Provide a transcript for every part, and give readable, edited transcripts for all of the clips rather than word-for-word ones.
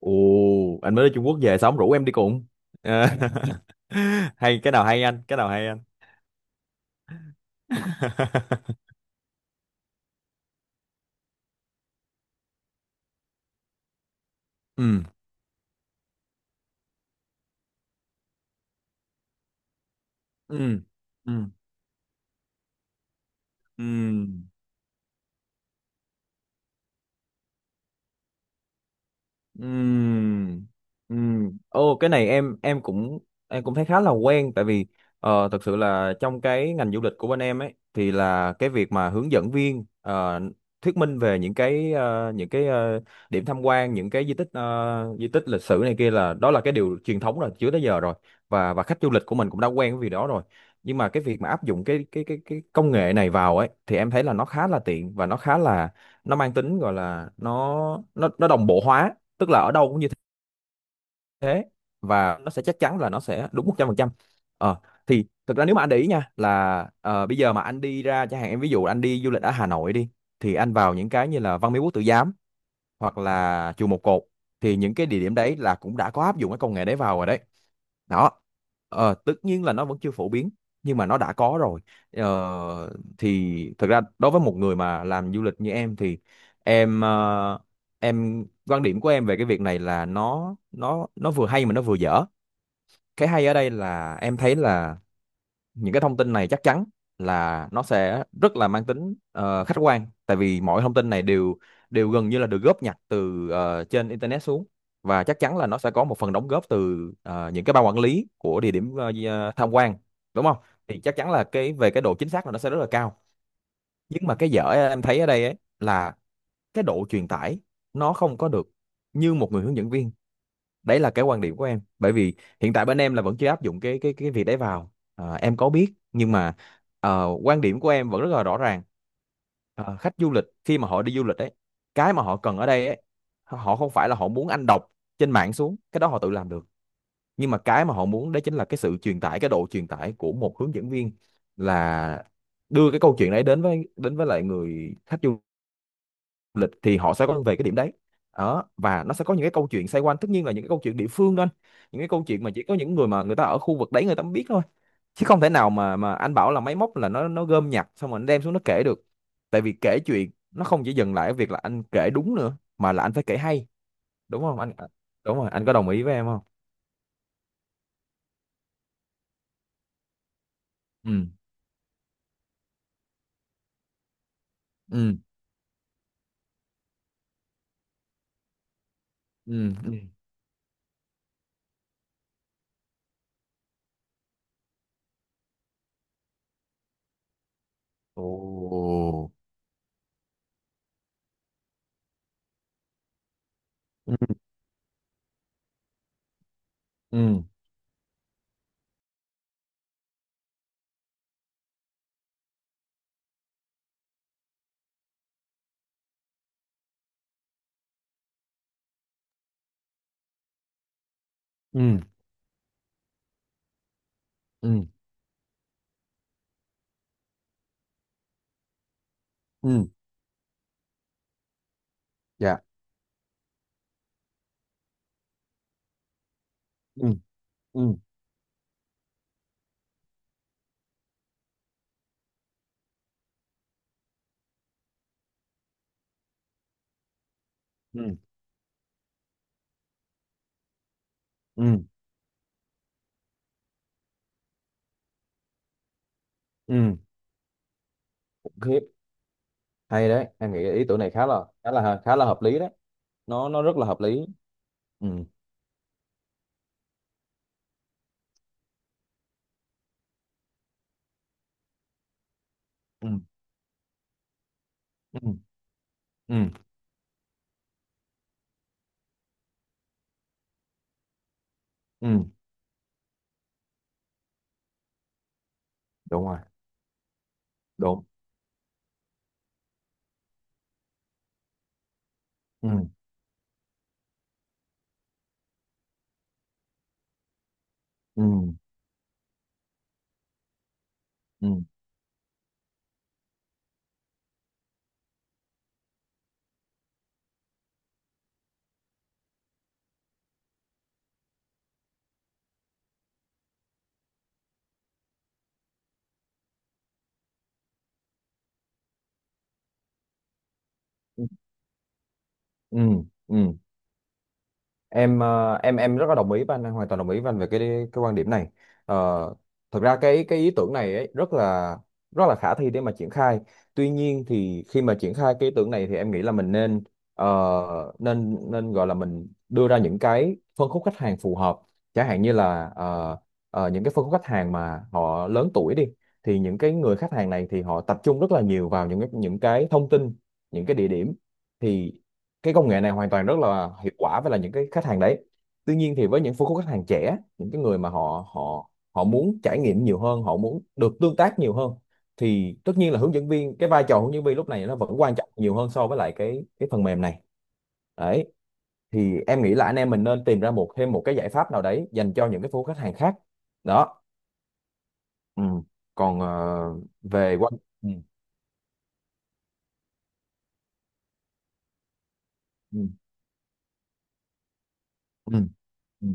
Ồ, anh mới đi Trung Quốc về xong rủ em đi cùng. À, hay cái nào hay anh, cái nào hay anh. ừ ừ ừ ừ Ừm, ừm. Ô cái này em cũng em cũng thấy khá là quen tại vì thực sự là trong cái ngành du lịch của bên em ấy thì là cái việc mà hướng dẫn viên thuyết minh về điểm tham quan những cái di tích di tích lịch sử này kia là đó là cái điều truyền thống rồi trước tới giờ rồi, và khách du lịch của mình cũng đã quen với việc đó rồi. Nhưng mà cái việc mà áp dụng cái công nghệ này vào ấy thì em thấy là nó khá là tiện và nó khá là nó mang tính, gọi là nó nó đồng bộ hóa, tức là ở đâu cũng như thế, và nó sẽ chắc chắn là nó sẽ đúng 100%. ờ thì thực ra nếu mà anh để ý nha, là bây giờ mà anh đi ra chẳng hạn, em ví dụ anh đi du lịch ở Hà Nội đi, thì anh vào những cái như là Văn Miếu Quốc Tử Giám hoặc là chùa Một Cột, thì những cái địa điểm đấy là cũng đã có áp dụng cái công nghệ đấy vào rồi đấy. Đó, tất nhiên là nó vẫn chưa phổ biến nhưng mà nó đã có rồi. ờ, thì thực ra đối với một người mà làm du lịch như em thì em ờ, em quan điểm của em về cái việc này là nó nó vừa hay mà nó vừa dở. Cái hay ở đây là em thấy là những cái thông tin này chắc chắn là nó sẽ rất là mang tính khách quan, tại vì mọi thông tin này đều đều gần như là được góp nhặt từ trên internet xuống, và chắc chắn là nó sẽ có một phần đóng góp từ những cái ban quản lý của địa điểm tham quan, đúng không? Thì chắc chắn là cái về cái độ chính xác là nó sẽ rất là cao. Nhưng mà cái dở em thấy ở đây ấy là cái độ truyền tải nó không có được như một người hướng dẫn viên. Đấy là cái quan điểm của em, bởi vì hiện tại bên em là vẫn chưa áp dụng cái việc đấy vào. Ờ, em có biết, nhưng mà quan điểm của em vẫn rất là rõ ràng. Ờ, khách du lịch khi mà họ đi du lịch ấy, cái mà họ cần ở đây ấy, họ không phải là họ muốn anh đọc trên mạng xuống, cái đó họ tự làm được. Nhưng mà cái mà họ muốn đấy chính là cái sự truyền tải, cái độ truyền tải của một hướng dẫn viên, là đưa cái câu chuyện đấy đến với lại người khách du lịch, thì họ sẽ quay về cái điểm đấy. Đó, và nó sẽ có những cái câu chuyện xoay quanh, tất nhiên là những cái câu chuyện địa phương đó anh. Những cái câu chuyện mà chỉ có những người mà người ta ở khu vực đấy người ta mới biết thôi, chứ không thể nào mà anh bảo là máy móc là nó gom nhặt xong rồi nó đem xuống nó kể được. Tại vì kể chuyện nó không chỉ dừng lại ở việc là anh kể đúng nữa, mà là anh phải kể hay, đúng không anh à, đúng rồi, anh có đồng ý với em không? Ừ ừ ừ ừ ồ ừ ừ ừ ừ ừ dạ ừ ừ ừ ừ ừ. Ok. Hay đấy, em nghĩ ý tưởng này khá là hợp lý đấy. Nó rất là hợp lý. Ừ ừ ừ ừ ừ đúng rồi đúng ừ ừ ừ ừ ừ ừ em rất là đồng ý với anh hoàn toàn đồng ý với anh về cái quan điểm này. Ờ, thật ra cái ý tưởng này ấy, rất là khả thi để mà triển khai. Tuy nhiên thì khi mà triển khai cái ý tưởng này thì em nghĩ là mình nên ờ, nên nên gọi là mình đưa ra những cái phân khúc khách hàng phù hợp. Chẳng hạn như là những cái phân khúc khách hàng mà họ lớn tuổi đi, thì những cái người khách hàng này thì họ tập trung rất là nhiều vào những cái thông tin, những cái địa điểm, thì cái công nghệ này hoàn toàn rất là hiệu quả với là những cái khách hàng đấy. Tuy nhiên thì với những phân khúc khách hàng trẻ, những cái người mà họ họ họ muốn trải nghiệm nhiều hơn, họ muốn được tương tác nhiều hơn, thì tất nhiên là hướng dẫn viên, cái vai trò hướng dẫn viên lúc này nó vẫn quan trọng nhiều hơn so với lại cái phần mềm này. Đấy, thì em nghĩ là anh em mình nên tìm ra một thêm một cái giải pháp nào đấy dành cho những cái phố khách hàng khác. Đó ừ. Còn về quanh ừ. Ừ. Ừ. Ừ.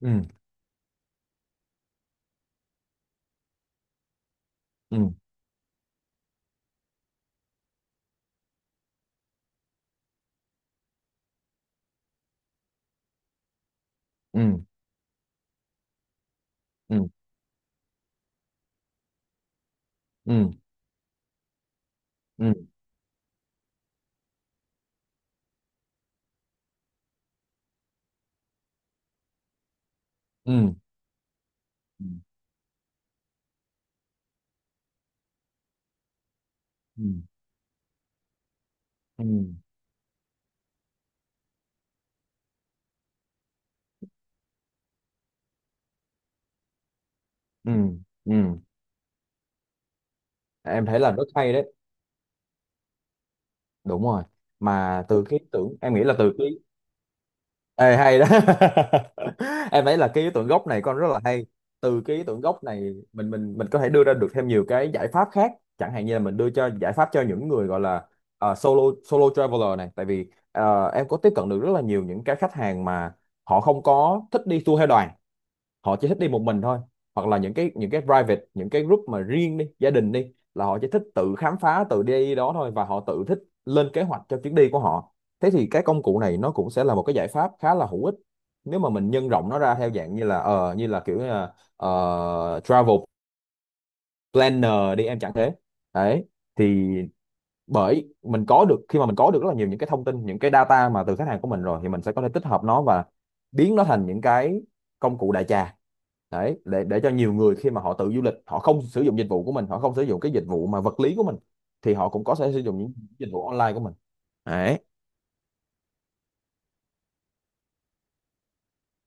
Ừ. Ừ. Ừ. Ừ. Ừ. Ừ. Ừ. Ừ. Ừ, ừ, ừ. Em thấy là rất hay đấy. Đúng rồi. Mà từ cái ý tưởng em nghĩ là từ cái Ê, hay đó. Em thấy là cái ý tưởng gốc này con rất là hay. Từ cái ý tưởng gốc này mình có thể đưa ra được thêm nhiều cái giải pháp khác. Chẳng hạn như là mình đưa cho giải pháp cho những người gọi là solo solo traveler này. Tại vì em có tiếp cận được rất là nhiều những cái khách hàng mà họ không có thích đi tour theo đoàn, họ chỉ thích đi một mình thôi, hoặc là những cái private, những cái group mà riêng đi gia đình đi là họ chỉ thích tự khám phá tự đi đó thôi, và họ tự thích lên kế hoạch cho chuyến đi của họ. Thế thì cái công cụ này nó cũng sẽ là một cái giải pháp khá là hữu ích nếu mà mình nhân rộng nó ra theo dạng như là ờ như là kiểu như là, ờ, travel planner đi em chẳng thế. Đấy thì bởi mình có được, khi mà mình có được rất là nhiều những cái thông tin, những cái data mà từ khách hàng của mình rồi, thì mình sẽ có thể tích hợp nó và biến nó thành những cái công cụ đại trà. Đấy, để cho nhiều người khi mà họ tự du lịch, họ không sử dụng dịch vụ của mình, họ không sử dụng cái dịch vụ mà vật lý của mình, thì họ cũng có thể sử dụng những dịch vụ online của mình. Đấy,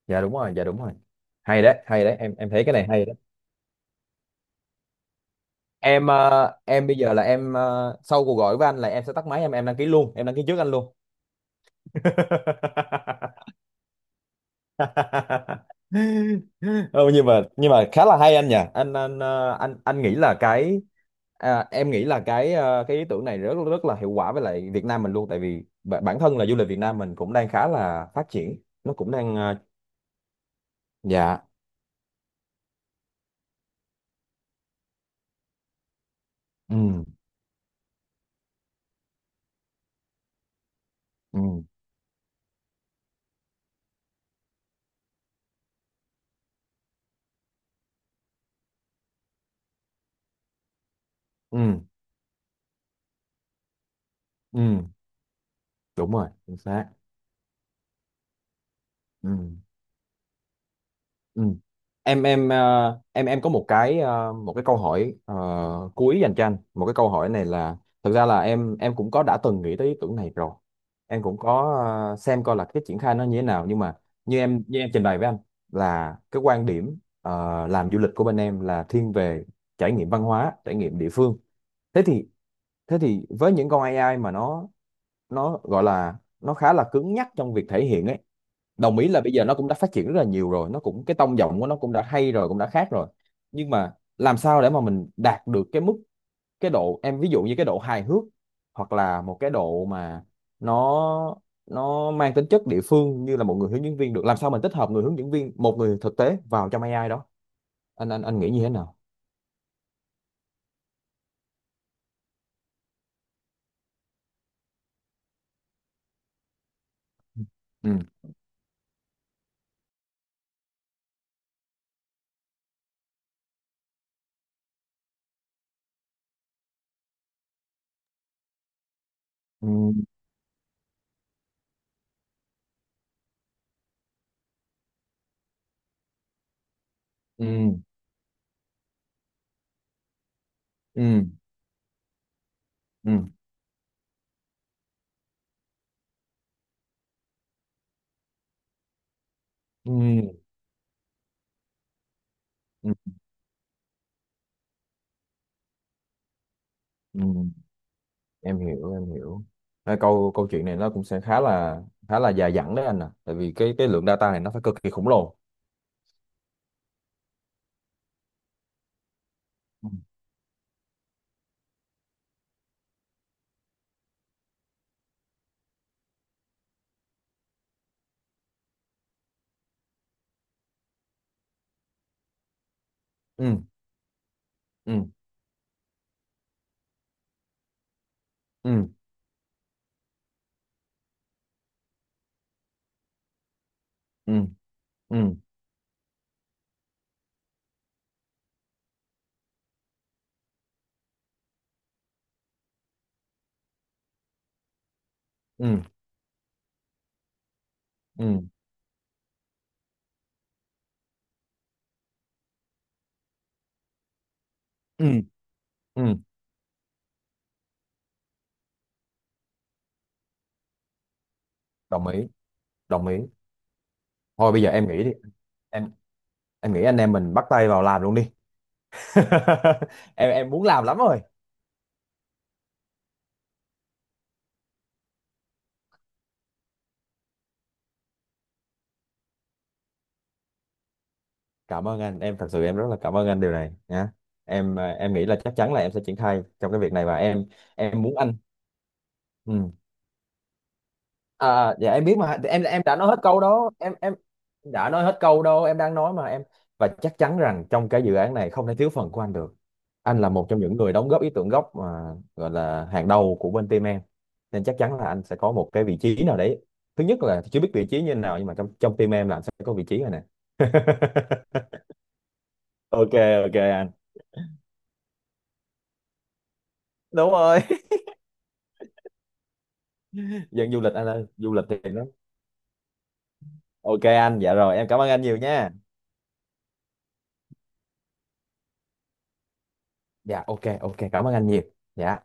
dạ đúng rồi. Hay đấy, em thấy cái này hay đấy. Em bây giờ là sau cuộc gọi với anh là em sẽ tắt máy, em đăng ký luôn, em đăng ký trước anh luôn. Ờ, nhưng mà khá là hay anh nhỉ, anh ờ, anh nghĩ là cái à, em nghĩ là cái cái ý tưởng này rất rất là hiệu quả với lại Việt Nam mình luôn, tại vì bản thân là du lịch Việt Nam mình cũng đang khá là phát triển, nó cũng đang dạ ừ ừ ừ ừ đúng rồi chính xác ừ Ừ. Em có một cái một cái câu hỏi cuối dành cho anh. Một cái câu hỏi này là thực ra là em cũng có đã từng nghĩ tới ý tưởng này rồi. Em cũng có xem coi là cái triển khai nó như thế nào, nhưng mà như em trình bày với anh là cái quan điểm làm du lịch của bên em là thiên về trải nghiệm văn hóa, trải nghiệm địa phương. Thế thì với những con AI mà nó gọi là nó khá là cứng nhắc trong việc thể hiện ấy. Đồng ý là bây giờ nó cũng đã phát triển rất là nhiều rồi, nó cũng cái tông giọng của nó cũng đã hay rồi, cũng đã khác rồi. Nhưng mà làm sao để mà mình đạt được cái mức, cái độ, em ví dụ như cái độ hài hước, hoặc là một cái độ mà nó nó mang tính chất địa phương như là một người hướng dẫn viên được, làm sao mình tích hợp người hướng dẫn viên, một người thực tế vào trong AI đó, anh nghĩ như thế nào? Ừ ừ ừ ừ ừ ừ ừ, ừ. Em hiểu. À, câu câu chuyện này nó cũng sẽ khá là dài dẳng đấy anh à, tại vì cái lượng data này nó phải cực kỳ khổng lồ. Ừ ừ ừ ừ ừ ừ ừ ừ ừ ừ. Đồng ý, đồng ý. Thôi bây giờ em nghĩ đi, em em nghĩ anh em mình bắt tay vào làm luôn đi. Em muốn làm lắm rồi. Cảm ơn anh, em thật sự em rất là cảm ơn anh điều này nhá. Em nghĩ là chắc chắn là em sẽ triển khai trong cái việc này, và em muốn anh ừ. À, dạ em biết mà, em đã nói hết câu đó em đã nói hết câu đâu, em đang nói mà em. Và chắc chắn rằng trong cái dự án này không thể thiếu phần của anh được, anh là một trong những người đóng góp ý tưởng gốc mà gọi là hàng đầu của bên team em, nên chắc chắn là anh sẽ có một cái vị trí nào đấy. Thứ nhất là chưa biết vị trí như thế nào, nhưng mà trong trong team em là anh sẽ có vị trí rồi nè. Ok, ok anh. Đúng rồi. Dân du lịch anh ơi, du lịch thì nó ok anh. Dạ rồi, em cảm ơn anh nhiều nha. Dạ ok, ok, cảm ơn anh nhiều. Dạ.